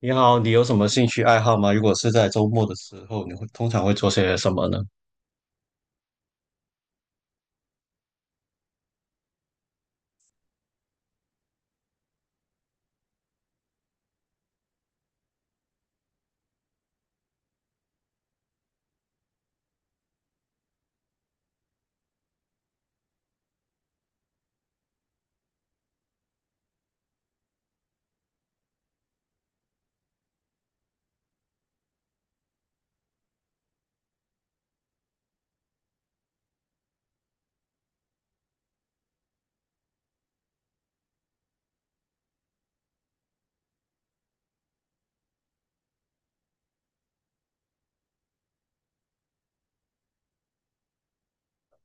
你好，你有什么兴趣爱好吗？如果是在周末的时候，你会通常会做些什么呢？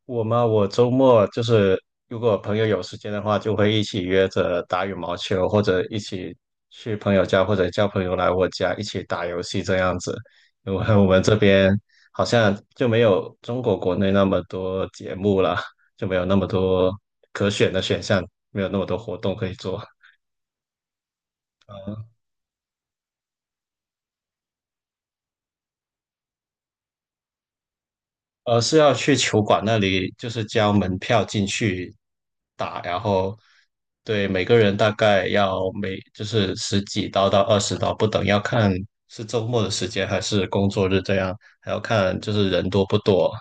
我吗？我周末就是如果朋友有时间的话，就会一起约着打羽毛球，或者一起去朋友家，或者叫朋友来我家一起打游戏这样子。因为我们这边好像就没有中国国内那么多节目了，就没有那么多可选的选项，没有那么多活动可以做。而是要去球馆那里，就是交门票进去打，然后对每个人大概要就是十几刀到二十刀不等，要看是周末的时间还是工作日这样，还要看就是人多不多。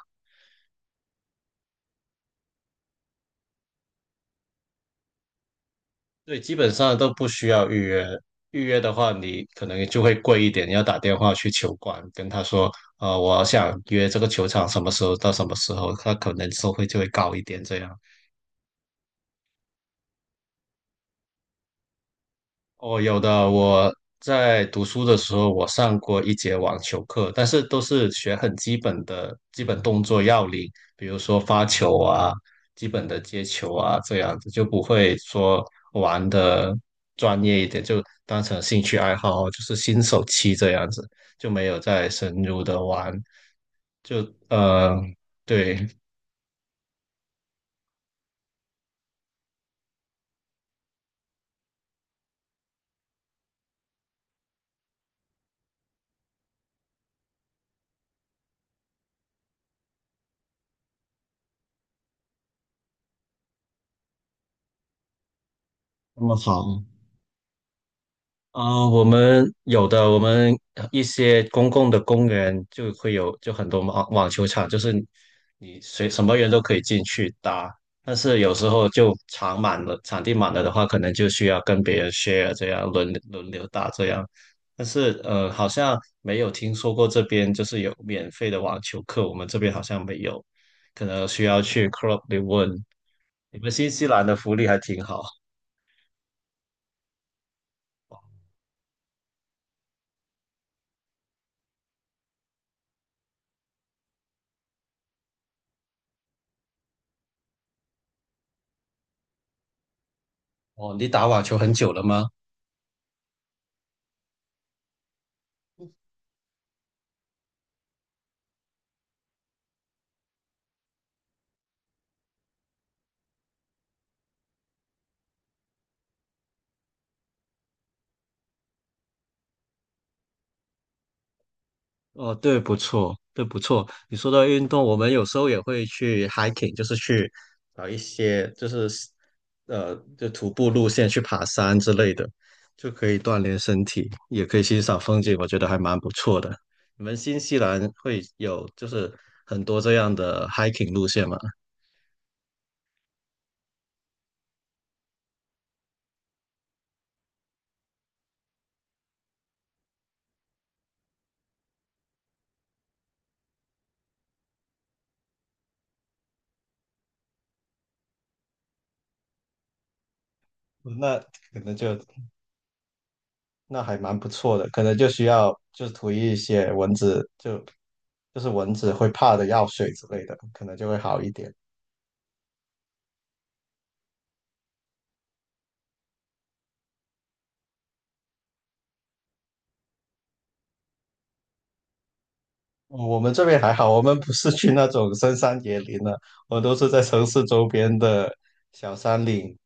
对，基本上都不需要预约，预约的话你可能就会贵一点，你要打电话去球馆跟他说，我想约这个球场什么时候到什么时候，他可能收费就会高一点这样。哦，有的。我在读书的时候，我上过一节网球课，但是都是学很基本的基本动作要领，比如说发球啊、基本的接球啊这样子，就不会说玩的专业一点，就当成兴趣爱好，就是新手期这样子，就没有再深入的玩。呃，对，那么好。啊、我们有的，我们一些公共的公园就会有，就很多网球场，就是你随什么人都可以进去打，但是有时候就场满了，场地满了的话，可能就需要跟别人 share 这样轮流打这样。但是好像没有听说过这边就是有免费的网球课，我们这边好像没有，可能需要去 club 里问。你们新西兰的福利还挺好哦，你打网球很久了吗？哦，对，不错，对，不错。你说到运动，我们有时候也会去 hiking，就是去找一些就是就徒步路线去爬山之类的，就可以锻炼身体，也可以欣赏风景，我觉得还蛮不错的。你们新西兰会有就是很多这样的 hiking 路线吗？那可能就那还蛮不错的，可能就需要就是涂一些蚊子，就是蚊子会怕的药水之类的，可能就会好一点。我们这边还好，我们不是去那种深山野林的，我都是在城市周边的小山岭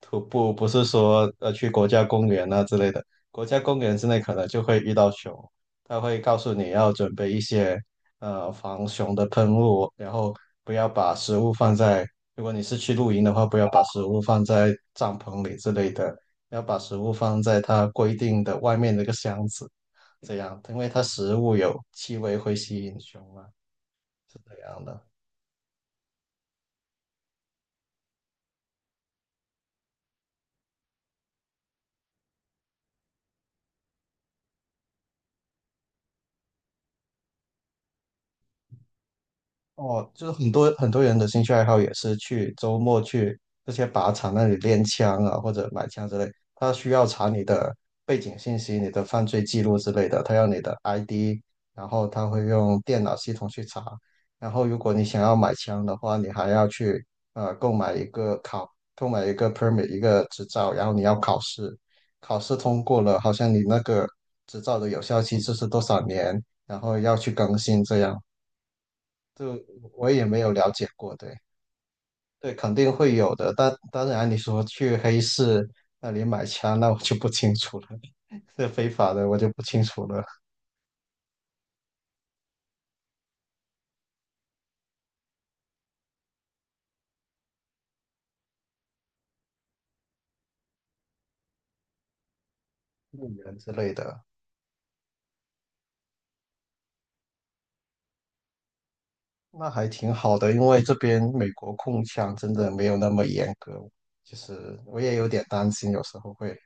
徒步，不是说去国家公园啊之类的。国家公园之内可能就会遇到熊，它会告诉你要准备一些防熊的喷雾，然后不要把食物放在，如果你是去露营的话，不要把食物放在帐篷里之类的，要把食物放在它规定的外面那个箱子。这样，因为它食物有气味会吸引熊嘛，是这样的。哦，就是很多很多人的兴趣爱好也是去周末去这些靶场那里练枪啊，或者买枪之类。他需要查你的背景信息、你的犯罪记录之类的，他要你的 ID，然后他会用电脑系统去查。然后如果你想要买枪的话，你还要去购买一个 permit 一个执照，然后你要考试，考试通过了，好像你那个执照的有效期就是多少年，然后要去更新这样。就我也没有了解过，对对，肯定会有的。但当然，你说去黑市那里买枪，那我就不清楚了，是非法的，我就不清楚了，路人之类的。那还挺好的，因为这边美国控枪真的没有那么严格，就是我也有点担心，有时候会，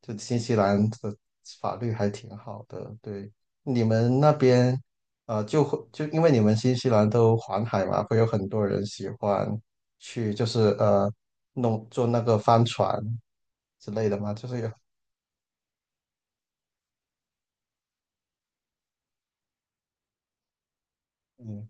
就新西兰的法律还挺好的，对，你们那边，就会就因为你们新西兰都环海嘛，会有很多人喜欢去，就是弄坐那个帆船之类的嘛，就是有，嗯，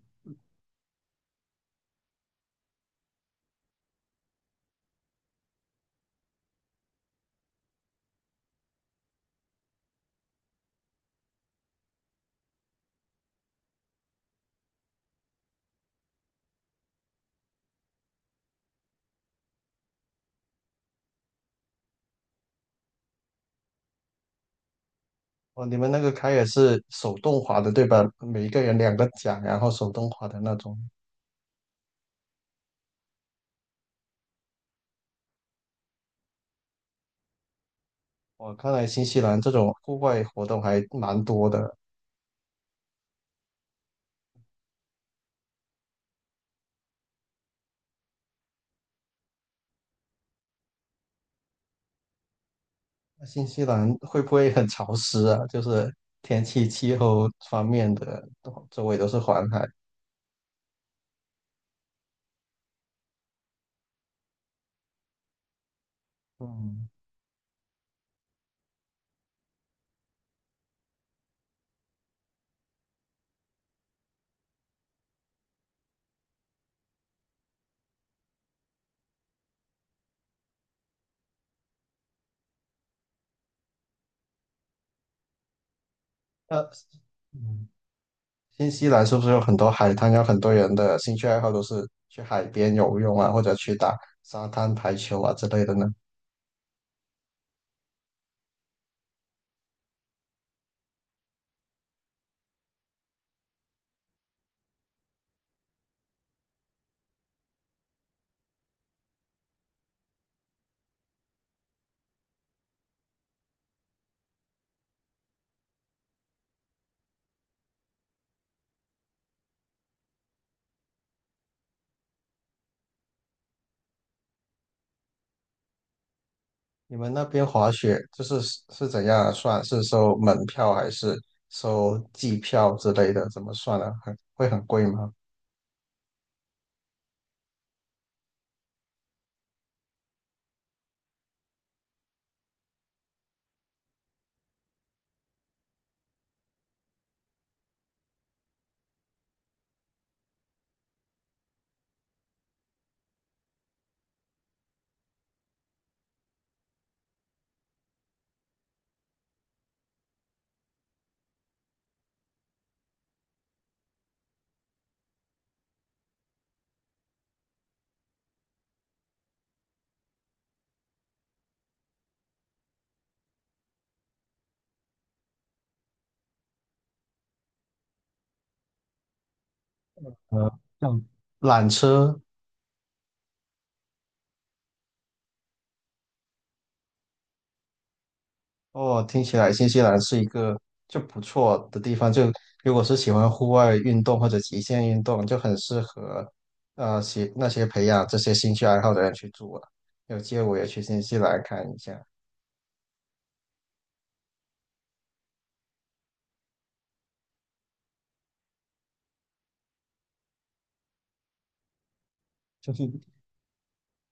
哦，你们那个开也是手动划的，对吧？每一个人两个桨，然后手动划的那种。我看来新西兰这种户外活动还蛮多的。那新西兰会不会很潮湿啊？就是天气、气候方面的，都周围都是环海。嗯，那嗯，新西兰是不是有很多海滩？有很多人的兴趣爱好都是去海边游泳啊，或者去打沙滩排球啊之类的呢？你们那边滑雪就是是怎样啊算？是收门票还是收季票之类的？怎么算啊？很会很贵吗？呃，像缆车哦，听起来新西兰是一个就不错的地方。就如果是喜欢户外运动或者极限运动，就很适合那些培养这些兴趣爱好的人去住啊。有机会我也去新西兰看一下，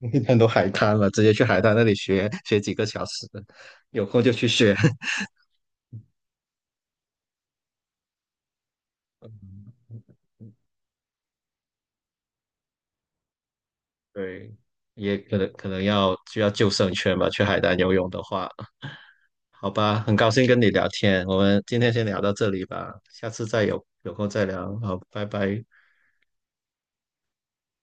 很多海滩嘛，直接去海滩那里学学几个小时，有空就去学。对，也可能需要救生圈吧，去海南游泳的话，好吧，很高兴跟你聊天，我们今天先聊到这里吧，下次再有空再聊，好，拜拜。